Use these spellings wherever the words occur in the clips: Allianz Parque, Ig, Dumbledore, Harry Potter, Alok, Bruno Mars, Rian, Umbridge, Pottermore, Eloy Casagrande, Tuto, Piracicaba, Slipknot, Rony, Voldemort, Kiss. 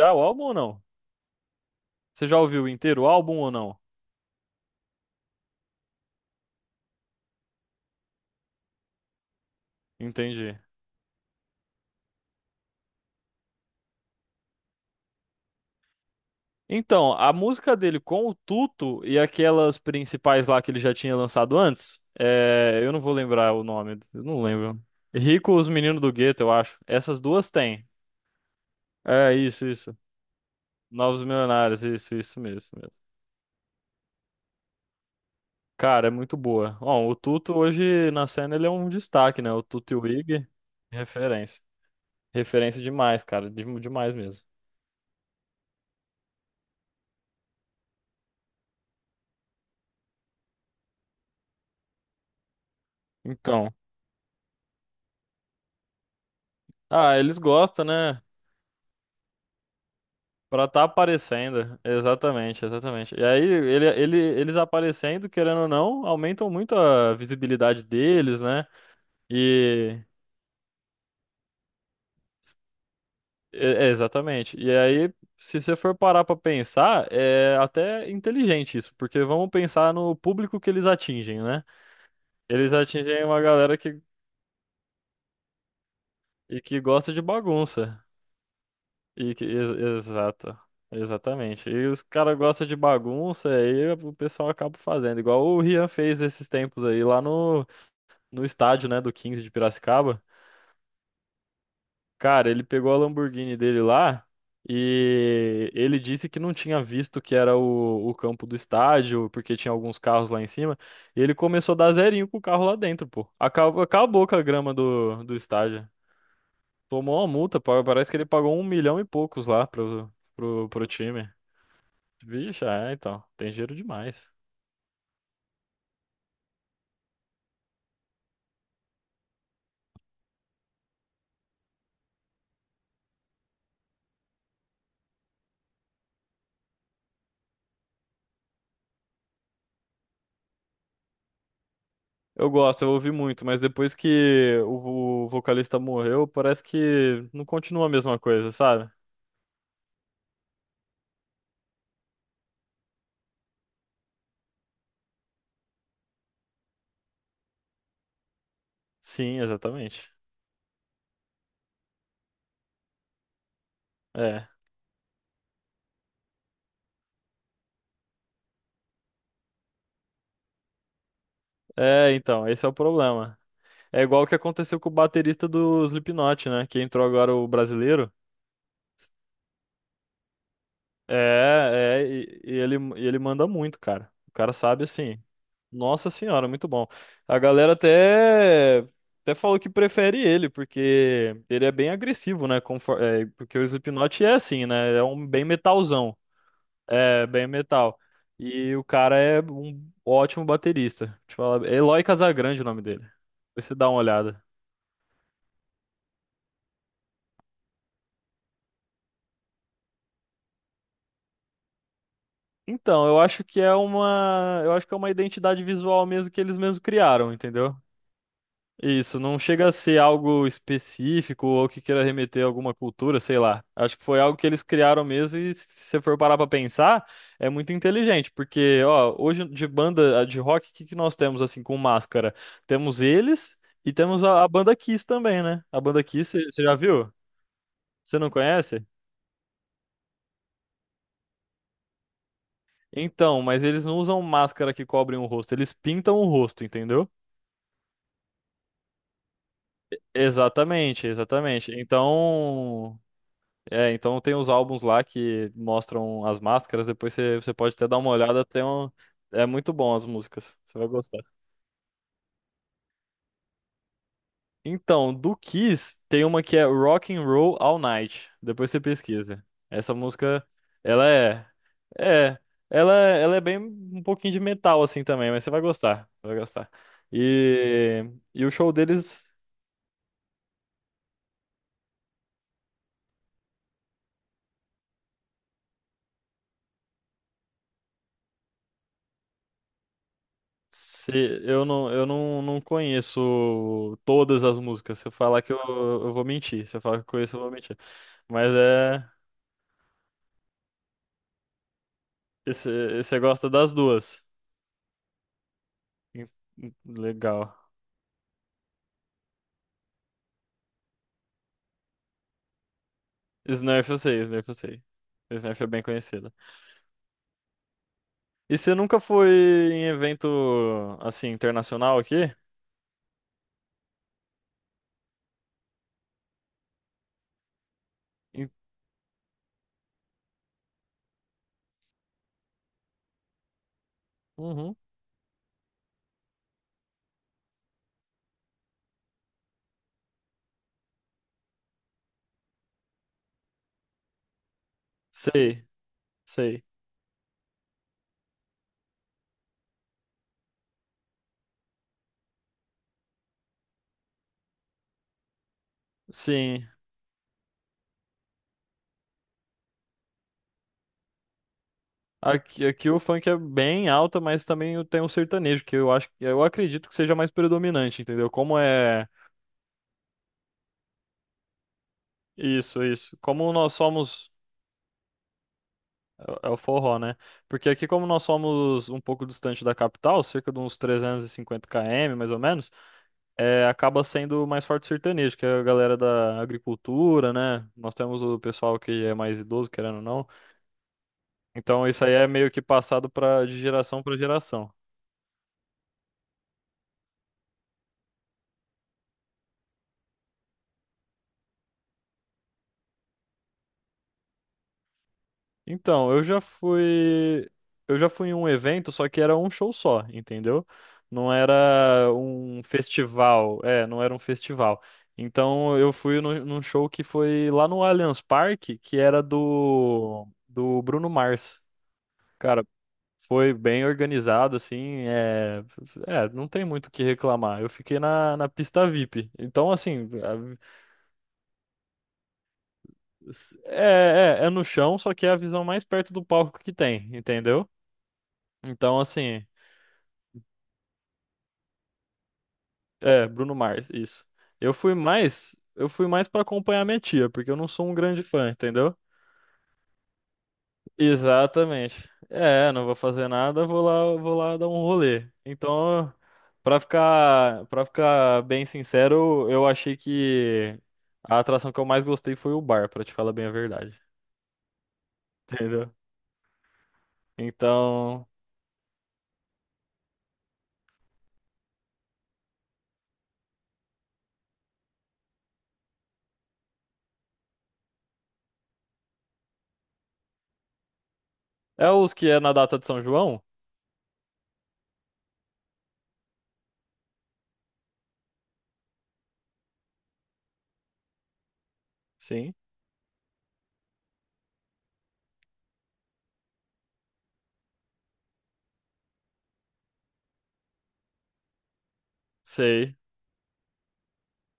Já o álbum ou não? Você já ouviu inteiro o álbum ou não? Entendi. Então, a música dele com o Tuto e aquelas principais lá que ele já tinha lançado antes, é, eu não vou lembrar o nome, eu não lembro. Rico, Os Meninos do Gueto, eu acho. Essas duas tem. É, isso, isso. Novos Milionários, isso mesmo, isso mesmo. Cara, é muito boa. Bom, o Tuto hoje na cena ele é um destaque, né? O Tuto e o Ig, referência. Referência demais, cara, demais mesmo. Então, ah, eles gostam, né? Pra tá aparecendo, exatamente, exatamente. E aí eles aparecendo, querendo ou não, aumentam muito a visibilidade deles, né? E é, exatamente. E aí, se você for parar pra pensar, é até inteligente isso, porque vamos pensar no público que eles atingem, né? Eles atingem uma galera que, e que gosta de bagunça. E que, ex- Exato. Exatamente. E os caras gostam de bagunça, aí o pessoal acaba fazendo, igual o Rian fez esses tempos aí lá no no estádio, né, do 15 de Piracicaba. Cara, ele pegou a Lamborghini dele lá e ele disse que não tinha visto que era o campo do estádio, porque tinha alguns carros lá em cima. E ele começou a dar zerinho com o carro lá dentro, pô. Acabou com a grama do estádio. Tomou uma multa, parece que ele pagou um milhão e poucos lá pro time. Vixe, é, então, tem dinheiro demais. Eu gosto, eu ouvi muito, mas depois que o vocalista morreu, parece que não continua a mesma coisa, sabe? Sim, exatamente. É. É, então, esse é o problema. É igual o que aconteceu com o baterista do Slipknot, né? Que entrou agora o brasileiro. É, é, e ele manda muito, cara. O cara sabe assim. Nossa senhora, muito bom. A galera até falou que prefere ele, porque ele é bem agressivo, né? É, porque o Slipknot é assim, né? É um bem metalzão. É, bem metal. E o cara é um ótimo baterista. Te falar, Eloy Casagrande é o nome dele. Depois você dá uma olhada. Então, eu acho que é uma, identidade visual mesmo que eles mesmos criaram, entendeu? Isso, não chega a ser algo específico ou que queira remeter a alguma cultura, sei lá. Acho que foi algo que eles criaram mesmo e se você for parar pra pensar, é muito inteligente, porque, ó, hoje de banda de rock, o que que nós temos assim com máscara? Temos eles e temos a banda Kiss também, né? A banda Kiss, você já viu? Você não conhece? Então, mas eles não usam máscara que cobrem o rosto, eles pintam o rosto, entendeu? Exatamente, exatamente. Então, tem os álbuns lá que mostram as máscaras, depois você pode até dar uma olhada, tem um... É muito bom as músicas, você vai gostar. Então, do Kiss, tem uma que é Rock and Roll All Night, depois você pesquisa. Essa música, ela é, é, ela é bem um pouquinho de metal assim também, mas você vai gostar, vai gostar. E o show deles Se, eu não, não conheço todas as músicas. Se eu falar que eu vou mentir. Se eu falar que eu conheço, eu vou mentir. Mas é. Esse, você gosta das duas. Hum, hum. Legal. Snurf eu sei, Snurf eu sei. Snurf é bem conhecida. E você nunca foi em evento assim, internacional aqui? Em- Uhum. Sei, sei. Sim. Aqui o funk é bem alta, mas também tem o sertanejo, que eu acho, eu acredito que seja mais predominante, entendeu? Como é? Isso, isso. Como nós somos. É o forró, né? Porque aqui, como nós somos um pouco distante da capital, cerca de uns 350 km, mais ou menos, é, acaba sendo mais forte o sertanejo, que é a galera da agricultura, né? Nós temos o pessoal que é mais idoso, querendo ou não. Então, isso aí é meio que passado de geração para geração. Então, eu já fui. Eu já fui em um evento, só que era um show só, entendeu? Não era um festival. É, não era um festival. Então, eu fui num show que foi lá no Allianz Parque, que era do Bruno Mars. Cara, foi bem organizado, assim. É, não tem muito o que reclamar. Eu fiquei na pista VIP. Então, assim, é no chão, só que é a visão mais perto do palco que tem, entendeu? Então, assim. É, Bruno Mars, isso. Eu fui mais para acompanhar minha tia, porque eu não sou um grande fã, entendeu? Exatamente. É, não vou fazer nada, vou lá, dar um rolê. Então, para ficar bem sincero, eu achei que a atração que eu mais gostei foi o bar, pra te falar bem a verdade, entendeu? Então, é os que é na data de São João? Sim, sei,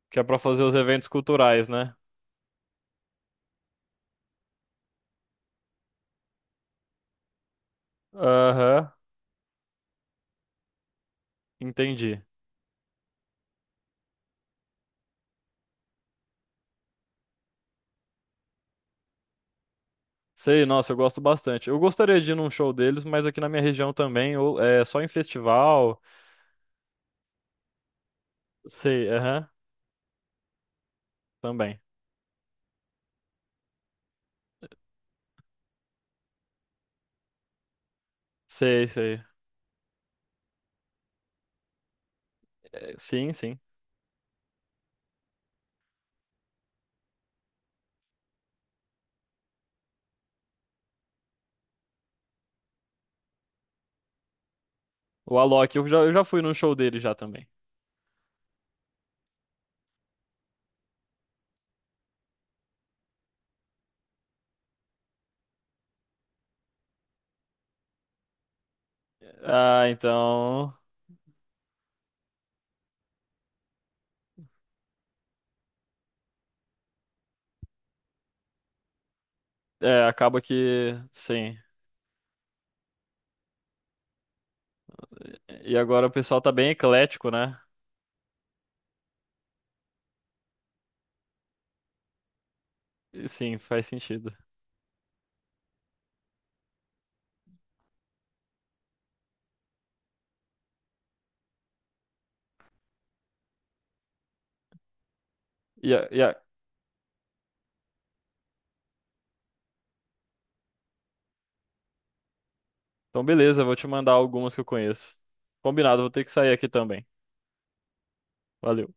que é pra fazer os eventos culturais, né? Aham, entendi. Sei, nossa, eu gosto bastante. Eu gostaria de ir num show deles, mas aqui na minha região também, ou é só em festival. Sei, aham, também. Sei, sei. É, sim, sim. O Alok, eu já fui num show dele já também. Ah, então. É, acaba que. Sim. E agora o pessoal tá bem eclético, né? E sim, faz sentido. E, a- e a- Então, beleza, eu vou te mandar algumas que eu conheço. Combinado, vou ter que sair aqui também. Valeu.